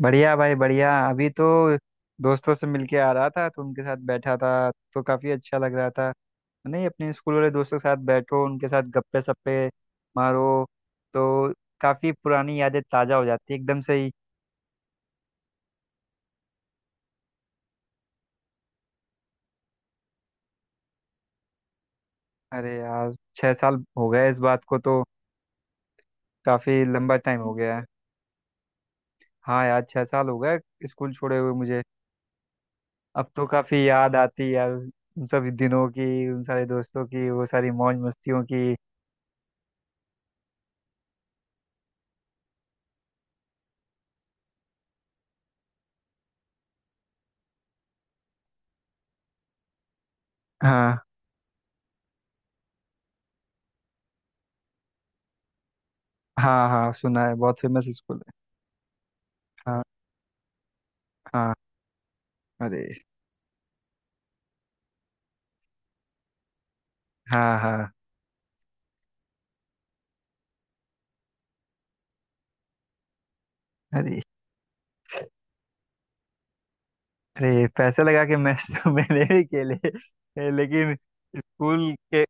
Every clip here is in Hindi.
बढ़िया भाई बढ़िया। अभी तो दोस्तों से मिलके आ रहा था, तो उनके साथ बैठा था तो काफी अच्छा लग रहा था। नहीं, अपने स्कूल वाले दोस्तों के साथ बैठो, उनके साथ गप्पे सप्पे मारो तो काफी पुरानी यादें ताजा हो जाती है एकदम से ही। अरे यार 6 साल हो गए इस बात को तो। काफी लंबा टाइम हो गया है। हाँ यार, 6 साल हो गए स्कूल छोड़े हुए मुझे। अब तो काफी याद आती है यार, उन सभी दिनों की, उन सारे दोस्तों की, वो सारी मौज मस्तियों की। हाँ हाँ। हाँ, सुना है, बहुत फेमस स्कूल। हाँ। हाँ, अरे हाँ हाँ। अरे, अरे पैसे लगा के मैच तो मैंने भी खेले। लेकिन स्कूल के,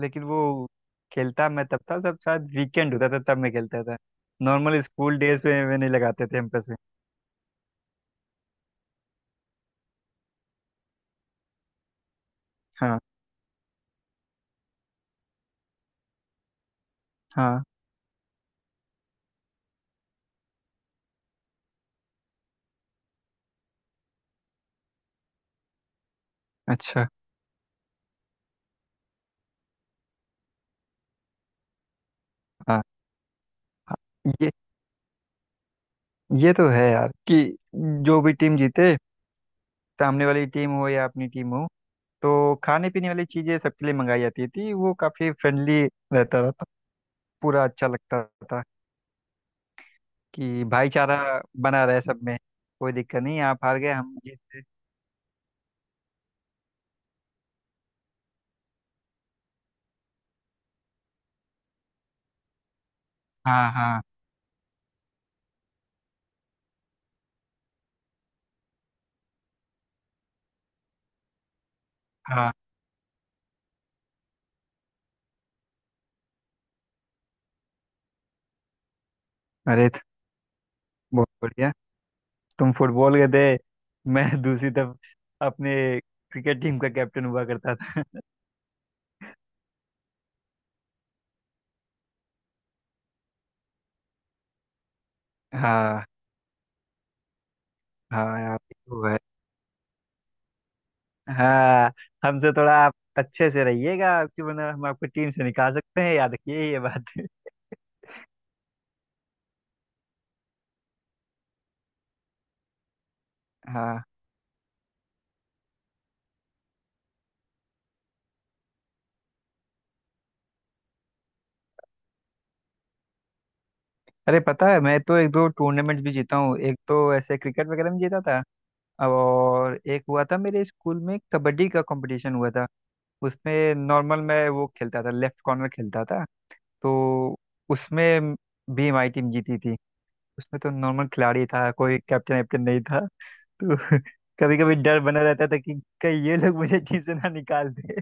लेकिन वो खेलता मैं तब था, सब शायद वीकेंड होता था तब मैं खेलता था। नॉर्मल स्कूल डेज पे में नहीं लगाते थे हम पैसे। हाँ। हाँ। अच्छा। हाँ। हाँ, ये ये तो है यार कि जो भी टीम जीते, सामने वाली टीम हो या अपनी टीम हो, तो खाने पीने वाली चीजें सबके लिए मंगाई जाती थी। वो काफी फ्रेंडली रहता था, पूरा अच्छा लगता था कि भाईचारा बना रहे सब में। कोई दिक्कत नहीं, आप हार गए हम जीत गए। हाँ। हाँ। हाँ। अरे तो बहुत बढ़िया। तुम फुटबॉल के थे, मैं दूसरी तरफ अपने क्रिकेट टीम का कैप्टन हुआ करता था। हाँ। हाँ यार ये तो है। हाँ, हमसे थोड़ा आप अच्छे से रहिएगा आपकी, वरना हम आपको टीम से निकाल सकते हैं, याद रखिए ये बात। हाँ। अरे पता है, मैं तो एक दो टूर्नामेंट भी जीता हूँ। एक तो ऐसे क्रिकेट वगैरह में जीता था, और एक हुआ था मेरे स्कूल में कबड्डी का कंपटीशन हुआ था। उसमें नॉर्मल मैं वो खेलता था, लेफ्ट कॉर्नर खेलता था। तो उसमें भी हमारी टीम जीती थी। उसमें तो नॉर्मल खिलाड़ी था, कोई कैप्टन वैप्टन नहीं था तो कभी कभी डर बना रहता था कि कहीं ये लोग मुझे टीम से ना निकाल दे।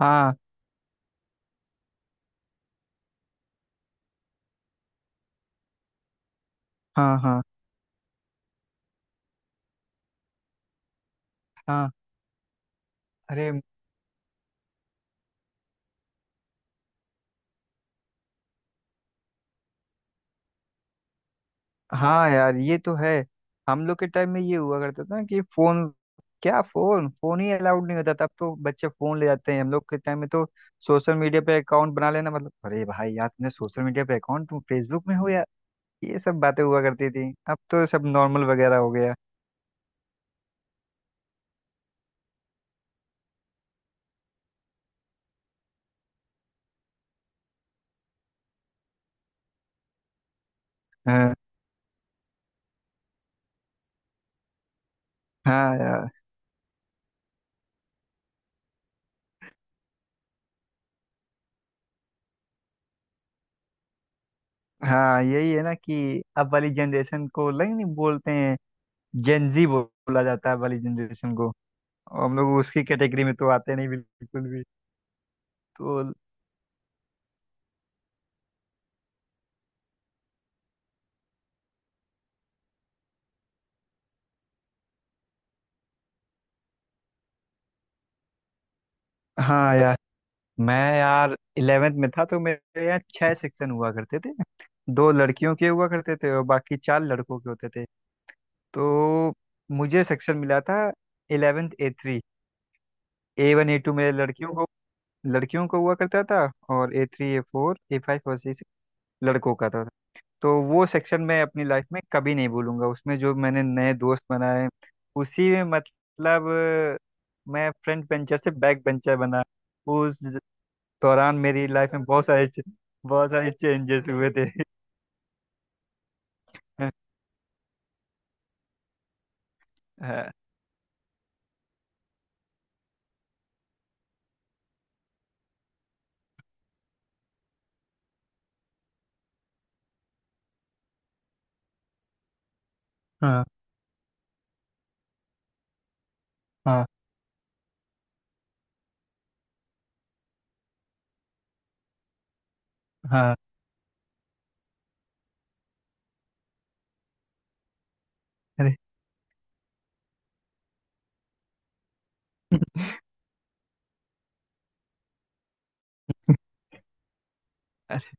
हाँ। हाँ। हाँ। हाँ। अरे हाँ यार ये तो है। हम लोग के टाइम में ये हुआ करता था कि फोन, क्या फोन फोन ही अलाउड नहीं होता था। अब तो बच्चे फोन ले जाते हैं। हम लोग के टाइम में तो सोशल मीडिया पे अकाउंट बना लेना मतलब, अरे भाई यार तुमने सोशल मीडिया पे अकाउंट, तुम फेसबुक में हो यार, ये सब बातें हुआ करती थी। अब तो सब नॉर्मल वगैरह हो गया। हाँ। हाँ यार। हाँ यही है ना कि अब वाली जनरेशन को लग नहीं बोलते हैं, जेंजी बोला जाता है अब वाली जनरेशन को। और हम लोग उसकी कैटेगरी में तो आते नहीं बिल्कुल भी। तो हाँ यार, मैं यार इलेवेंथ में था तो मेरे यहाँ छह सेक्शन हुआ करते थे। दो लड़कियों के हुआ करते थे और बाकी चार लड़कों के होते थे। तो मुझे सेक्शन मिला था इलेवेंथ A3। A1 A2 मेरे लड़कियों को, लड़कियों को हुआ करता था। और A3 A4 A5 और सिक्स लड़कों का था। तो वो सेक्शन मैं अपनी लाइफ में कभी नहीं भूलूंगा। उसमें जो मैंने नए दोस्त बनाए, उसी में मतलब मैं फ्रंट बेंचर से बैक बेंचर बना। उस दौरान मेरी लाइफ में बहुत सारे बहुत सारे चेंजेस हुए थे। हाँ। हाँ। हाँ। हाँ। अरे। अरे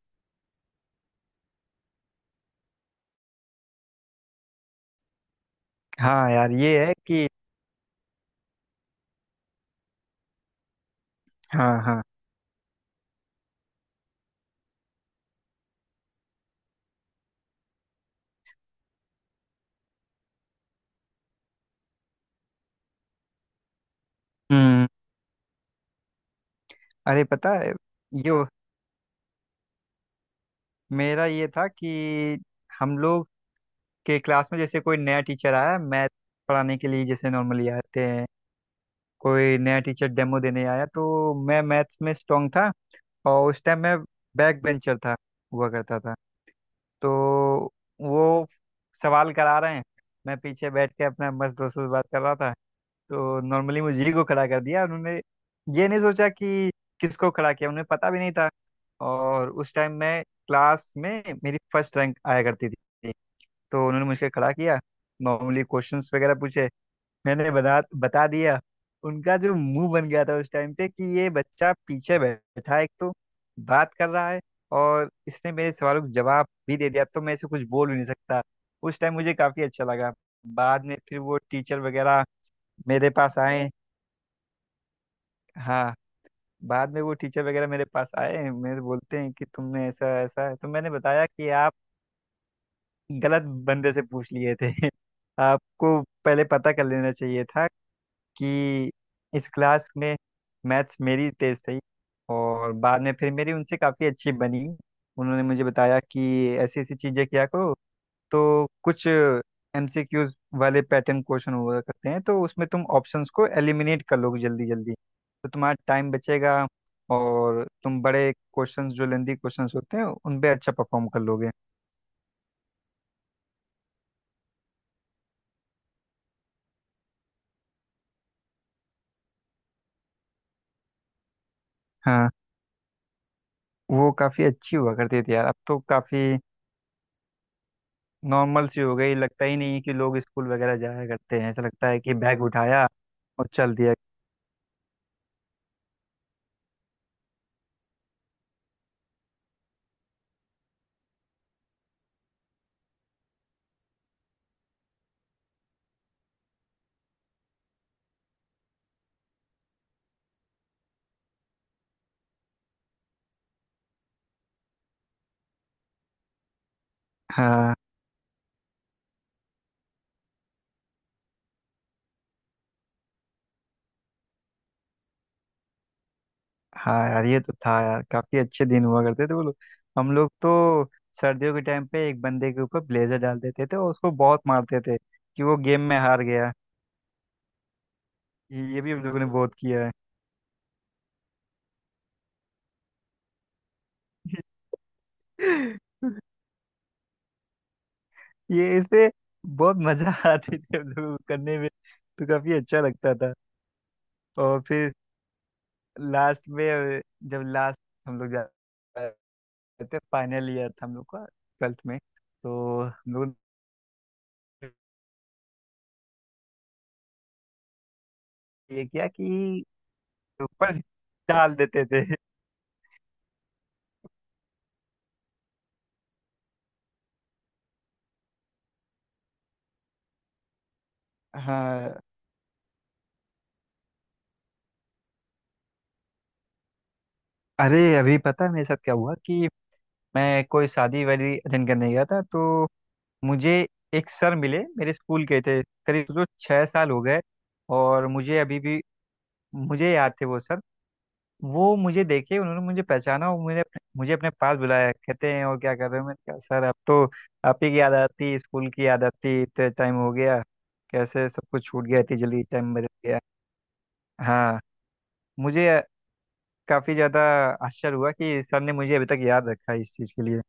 हाँ यार ये है कि। हाँ। हाँ। हम्म। अरे पता है, यो मेरा ये था कि हम लोग के क्लास में जैसे कोई नया टीचर आया मैथ पढ़ाने के लिए, जैसे नॉर्मली आते हैं कोई नया टीचर डेमो देने आया, तो मैं मैथ्स में स्ट्रांग था। और उस टाइम मैं बैक बेंचर था, हुआ करता था। तो वो सवाल करा रहे हैं, मैं पीछे बैठ के अपने मस्त दोस्तों से बात कर रहा था। तो नॉर्मली मुझे ही को खड़ा कर दिया उन्होंने। ये नहीं सोचा कि किसको खड़ा किया, उन्हें पता भी नहीं था। और उस टाइम मैं क्लास में मेरी फर्स्ट रैंक आया करती थी। तो उन्होंने मुझे खड़ा किया, नॉर्मली क्वेश्चंस वगैरह पूछे, मैंने बता बता दिया। उनका जो मुंह बन गया था उस टाइम पे कि ये बच्चा पीछे बैठा है एक तो, बात कर रहा है, और इसने मेरे सवालों का जवाब भी दे दिया तो मैं इसे कुछ बोल भी नहीं सकता। उस टाइम मुझे काफी अच्छा लगा। बाद में फिर वो टीचर वगैरह मेरे पास आए। हाँ। बाद में वो टीचर वगैरह मेरे पास आए, मेरे बोलते हैं कि तुमने ऐसा ऐसा है, तो मैंने बताया कि आप गलत बंदे से पूछ लिए थे। आपको पहले पता कर लेना चाहिए था कि इस क्लास में मैथ्स मेरी तेज थी। और बाद में फिर मेरी उनसे काफ़ी अच्छी बनी। उन्होंने मुझे बताया कि ऐसी ऐसी चीज़ें किया करो, तो कुछ एमसीक्यूज वाले पैटर्न क्वेश्चन हुआ करते हैं तो उसमें तुम ऑप्शंस को एलिमिनेट कर लोगे जल्दी जल्दी तो तुम्हारा टाइम बचेगा। और तुम बड़े क्वेश्चंस जो लेंदी क्वेश्चंस होते हैं उन पे अच्छा परफॉर्म कर लोगे। हाँ। वो काफ़ी अच्छी हुआ करती थी यार, अब तो काफ़ी नॉर्मल सी हो गई। लगता ही नहीं है कि लोग स्कूल वगैरह जाया करते हैं, ऐसा लगता है कि बैग उठाया और चल दिया। हाँ। हाँ यार ये तो था यार, काफी अच्छे दिन हुआ करते थे वो लोग। हम लोग तो सर्दियों के टाइम पे एक बंदे के ऊपर ब्लेजर डाल देते थे और उसको बहुत मारते थे कि वो गेम में हार गया। ये भी हम लोगों ने बहुत किया है। ये इसपे बहुत मजा आती थी हम लोगों को करने में, तो काफी अच्छा लगता था। और फिर लास्ट में, जब लास्ट हम लोग जा थे, फाइनल ईयर था हम लोग का ट्वेल्थ में। तो हम लोग ने ये किया कि ऊपर डाल देते थे। हाँ। अरे अभी पता है मेरे साथ क्या हुआ कि मैं कोई शादी वादी अटेंड करने गया था। तो मुझे एक सर मिले, मेरे स्कूल के थे। करीब सोचो 6 साल हो गए, और मुझे अभी भी मुझे याद थे वो सर। वो मुझे देखे, उन्होंने मुझे पहचाना और मुझे अपने पास बुलाया। कहते हैं और क्या कर रहे हो, मैंने कहा सर अब तो आप ही की याद आती, स्कूल की याद आती, इतने टाइम हो गया। कैसे सब कुछ छूट गया, इतनी जल्दी टाइम बदल गया। हाँ। मुझे काफी ज्यादा आश्चर्य हुआ कि सर ने मुझे अभी तक याद रखा इस चीज के लिए।